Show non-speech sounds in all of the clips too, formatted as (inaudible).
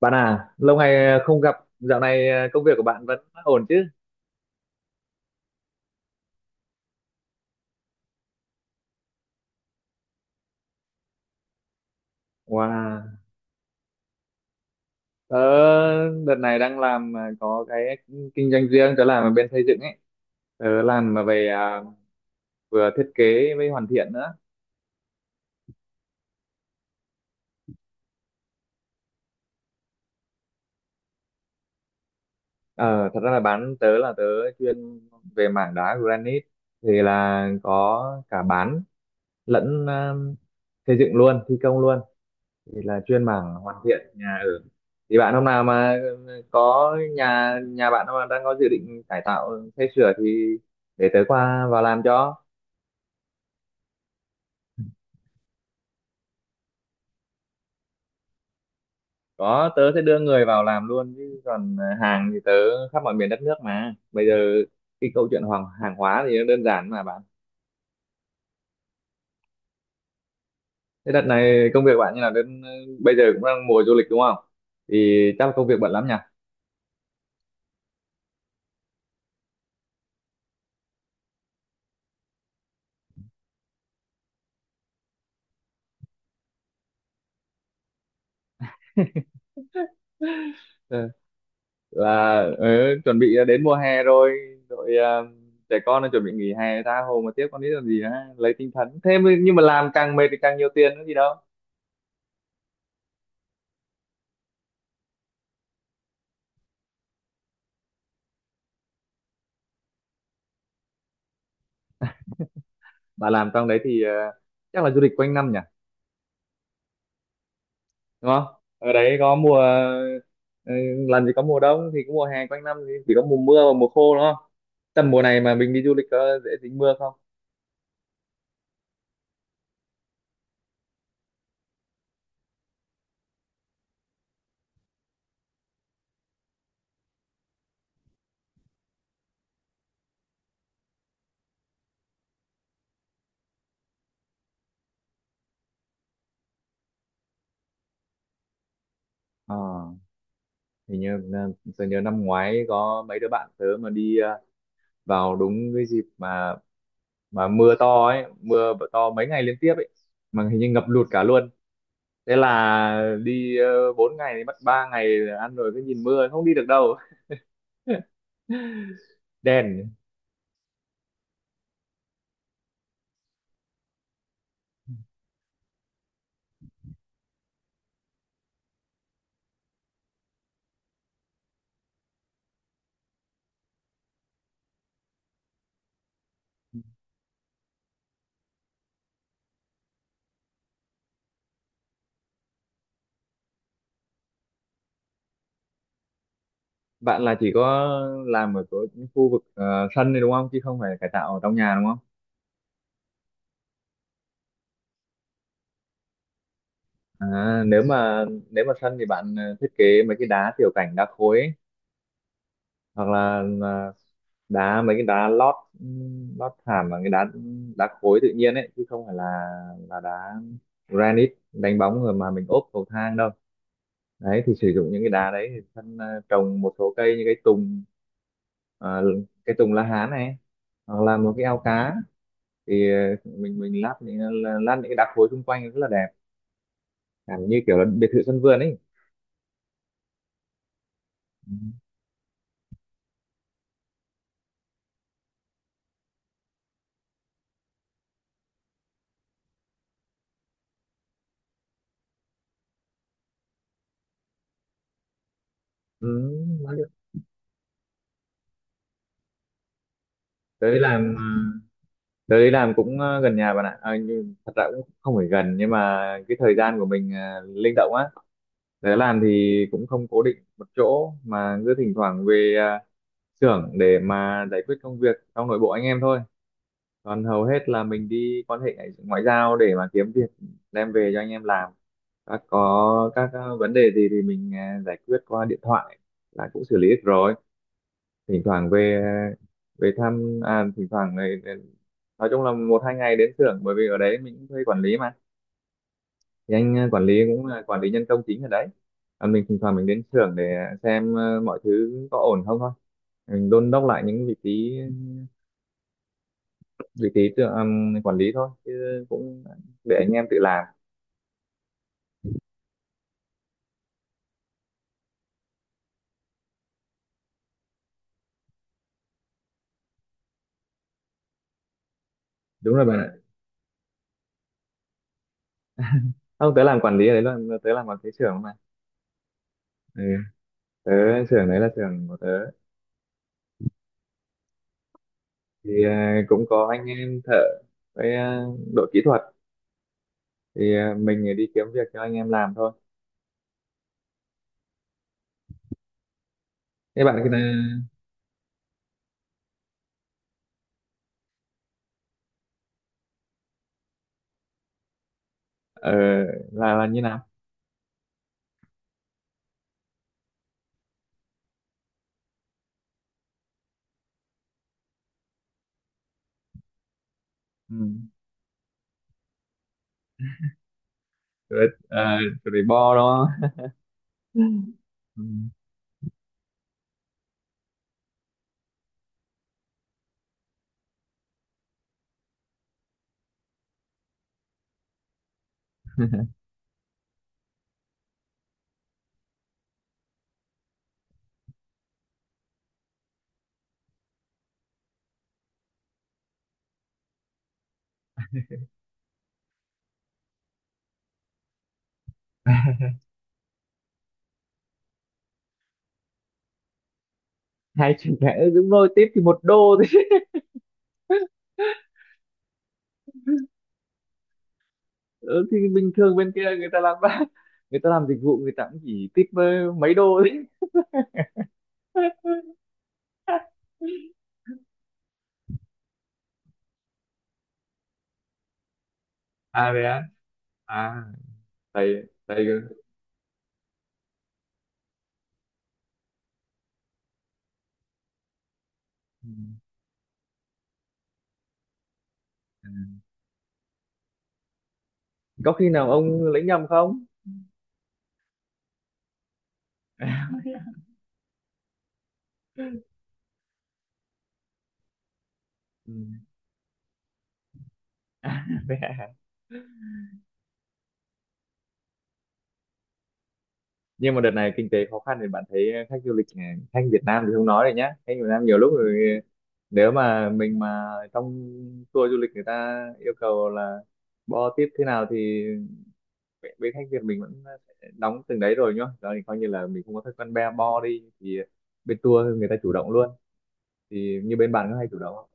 Bạn à, lâu ngày không gặp, dạo này công việc của bạn vẫn ổn chứ? Wow, tớ đợt này đang làm có cái kinh doanh riêng, tớ làm ở bên xây dựng ấy. Tớ làm mà về à, vừa thiết kế với hoàn thiện nữa. Ờ, Thật ra là bán tớ là tớ chuyên về mảng đá granite thì là có cả bán lẫn xây dựng luôn, thi công luôn. Thì là chuyên mảng hoàn thiện nhà ở, thì bạn hôm nào mà có nhà nhà bạn mà đang có dự định cải tạo xây sửa thì để tớ qua vào làm cho. Có tớ sẽ đưa người vào làm luôn, chứ còn hàng thì tớ khắp mọi miền đất nước mà. Bây giờ cái câu chuyện hoàng hàng hóa thì nó đơn giản mà bạn. Thế đợt này công việc bạn như là đến bây giờ cũng đang mùa du lịch đúng không, thì chắc là công việc bận lắm nhỉ. Là chuẩn bị đến mùa hè rồi. Rồi trẻ con nó chuẩn bị nghỉ hè tha hồ mà tiếp con nít làm gì á. Lấy tinh thần nhưng mà làm càng mệt thì càng nhiều tiền nữa gì đâu. Bà làm trong đấy thì chắc là du lịch quanh năm nhỉ, đúng không? Ở đấy có mùa ờ, làm gì có mùa đông, thì có mùa hè quanh năm thì chỉ có mùa mưa và mùa khô đúng không? Tầm mùa này mà mình đi du lịch có dễ dính mưa không? Ờ, Hình như tôi nhớ năm ngoái có mấy đứa bạn tớ mà đi vào đúng cái dịp mà mưa to ấy, mưa to mấy ngày liên tiếp ấy, mà hình như ngập lụt cả luôn. Thế là đi 4 ngày thì mất 3 ngày là ăn rồi cứ nhìn mưa không đi được đâu. Đèn. Bạn là chỉ có làm ở chỗ những khu vực sân này đúng không, chứ không phải cải tạo ở trong nhà đúng không? À, nếu mà sân thì bạn thiết kế mấy cái đá tiểu cảnh đá khối ấy. Hoặc là đá mấy cái đá lót lót thảm và cái đá đá khối tự nhiên ấy, chứ không phải là đá granite đánh bóng rồi mà mình ốp cầu thang đâu. Đấy thì sử dụng những cái đá đấy, thì sân trồng một số cây như cái tùng, ờ, cái tùng lá hán này, hoặc là một cái ao cá thì mình lát những cái đá khối xung quanh rất là đẹp, cảm như kiểu là biệt thự sân vườn ấy. Ừ. Ừ. Tới làm Tớ đi làm cũng gần nhà bạn ạ. À, nhưng thật ra cũng không phải gần, nhưng mà cái thời gian của mình linh động á. Tớ làm thì cũng không cố định một chỗ mà cứ thỉnh thoảng về xưởng để mà giải quyết công việc trong nội bộ anh em thôi. Còn hầu hết là mình đi quan hệ ngoại ngoại giao để mà kiếm việc đem về cho anh em làm. Có các vấn đề gì thì mình giải quyết qua điện thoại là cũng xử lý được rồi. Thỉnh thoảng về về thăm, à, thỉnh thoảng nói chung là một hai ngày đến xưởng, bởi vì ở đấy mình cũng thuê quản lý mà. Thì anh quản lý cũng là quản lý nhân công chính ở đấy, và mình thỉnh thoảng mình đến xưởng để xem mọi thứ có ổn không thôi. Mình đôn đốc lại những vị trí tự, quản lý thôi chứ cũng để anh em tự làm. Đúng rồi bạn ạ. Không, tớ làm quản lý ở đấy luôn, tớ làm quản lý xưởng mà. Ừ. Tớ xưởng đấy là xưởng của tớ, thì cũng có anh em thợ với đội kỹ thuật, thì mình đi kiếm việc cho anh em làm thôi. Thế bạn ờ, là như nào? Ừ. Rồi rồi bo đó. Ừ. Hai chữ cái đúng rồi, tiếp thì 1 đô thôi. (laughs) Ừ, thì bình thường bên kia người ta làm, người ta làm dịch vụ người ta cũng chỉ tip mấy đô thôi. (laughs) À vậy á. À, thầy thầy ừ. Ừ. Có khi nào ông lấy nhầm không? Ừ. (laughs) À, vậy à. Nhưng mà đợt này kinh tế khó khăn thì bạn thấy khách du lịch khách Việt Nam thì không nói rồi nhá, khách Việt Nam nhiều lúc rồi nếu mà mình mà trong tour du lịch người ta yêu cầu là bo tiếp thế nào thì bên bên khách Việt mình vẫn sẽ đóng từng đấy rồi nhá. Đó thì coi như là mình không có thói quen be bo đi thì bên tour người ta chủ động luôn. Thì như bên bạn có hay chủ động không?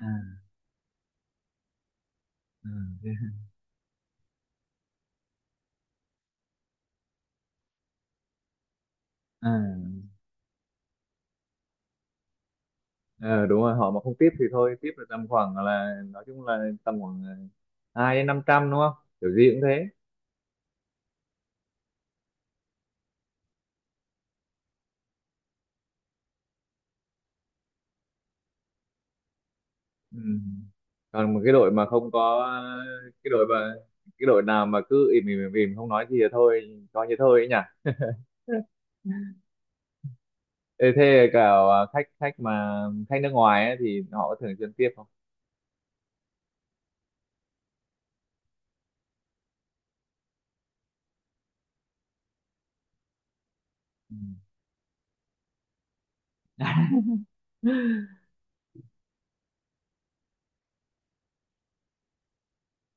À, à, thế hả? À, ờ, đúng rồi, họ mà không tiếp thì thôi, tiếp là tầm khoảng là nói chung là tầm khoảng 200-500 đúng không? Kiểu gì cũng thế. Ừ. Còn một cái đội mà không có cái đội mà cái đội nào mà cứ im im im, im không nói gì thì thôi coi như thôi ấy nhỉ. Ê, thế cả à, khách khách mà khách nước ngoài ấy, thì họ có thường xuyên tiếp không? Ừ.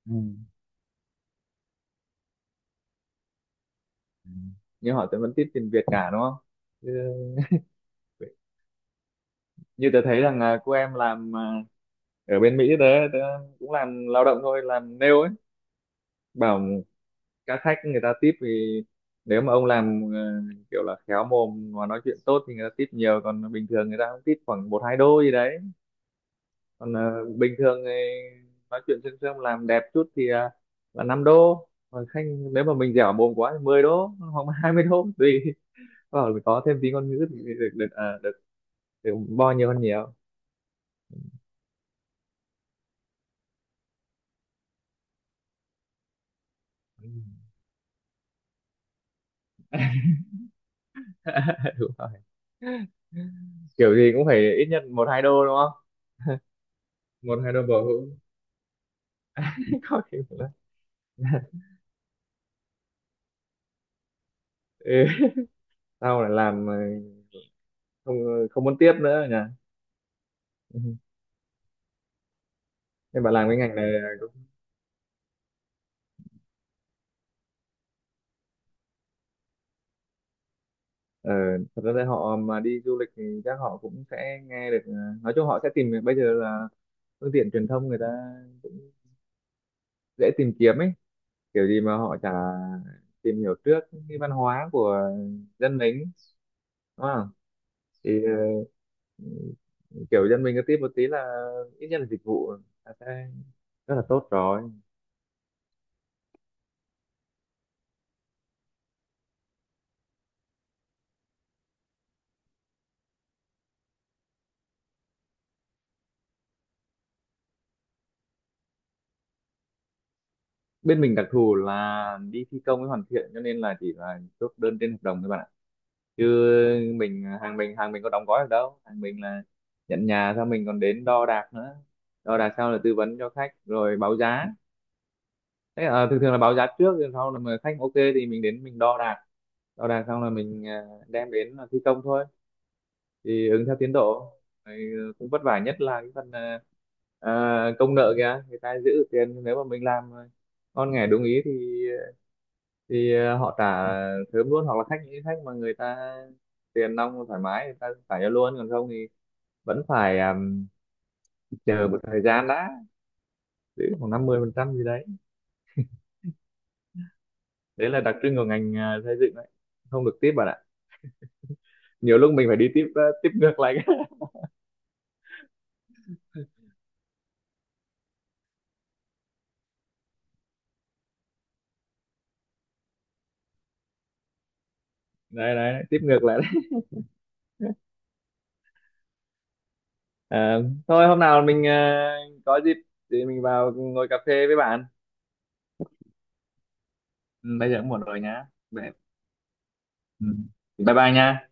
Ừ. Ừ. Nhưng họ vẫn tiếp tiền Việt cả đúng không? Chứ- Như tớ thấy rằng là cô em làm à, ở bên Mỹ, tớ cũng làm lao động thôi làm nail ấy, bảo các khách người ta tip thì nếu mà ông làm kiểu là khéo mồm và nói chuyện tốt thì người ta tip nhiều, còn bình thường người ta cũng tip khoảng một hai đô gì đấy. Còn bình thường thì nói chuyện sương sương làm đẹp chút thì là 5 đô, còn khách nếu mà mình dẻo mồm quá thì 10 đô hoặc là 20 đô tùy. Bảo là mình có thêm tí ngôn ngữ thì được được được bo nhiều hơn nhiều. Ừ. (laughs) Đúng rồi. Kiểu gì cũng phải ít nhất một hai đô đúng không? Một hai đô bổ hữu. (laughs) Có kiểu là- (laughs) Ừ. Sau là làm không muốn tiếp nữa nhỉ. Ừ. Nhưng mà làm cái ngành này ờ, thật ra là họ mà đi du lịch thì chắc họ cũng sẽ nghe được nói chung họ sẽ bây giờ là phương tiện truyền thông người ta cũng dễ tìm kiếm ấy. Kiểu gì mà họ chả tìm hiểu trước cái văn hóa của dân mình đúng không? Thì ờ, kiểu dân mình cứ tiếp một tí là ít nhất là dịch vụ là sẽ rất là tốt rồi. Bên mình đặc thù là đi thi công với hoàn thiện, cho nên là chỉ là chốt đơn trên hợp đồng thôi bạn ạ, chứ mình hàng mình có đóng gói được đâu. Hàng mình là nhận nhà xong mình còn đến đo đạc nữa. Đo đạc xong là tư vấn cho khách rồi báo giá. Thế à, thường thường là báo giá trước rồi sau là mà khách ok thì mình đến mình đo đạc. Đo đạc xong là mình, à, đem đến là thi công thôi, thì ứng theo tiến độ. Rồi cũng vất vả nhất là cái phần à, công nợ kìa, người ta giữ được tiền nếu mà mình làm ngon nghẻ đúng ý thì họ trả thớm luôn. Hoặc là khách mà người ta tiền nong thoải mái người ta trả cho luôn, còn không thì vẫn phải chờ một thời gian đã, giữ khoảng 50% gì đấy. Đấy là đặc trưng của ngành xây dựng đấy. Không được tip bạn ạ. Nhiều lúc mình phải đi tiếp tiếp ngược lại. (laughs) Đấy đấy, tiếp ngược lại đấy. Ờ, thôi hôm nào mình có dịp thì mình vào ngồi cà phê với bạn. Ừ, bây giờ cũng muộn rồi nhá. Vậy, ừ, bye bye nha.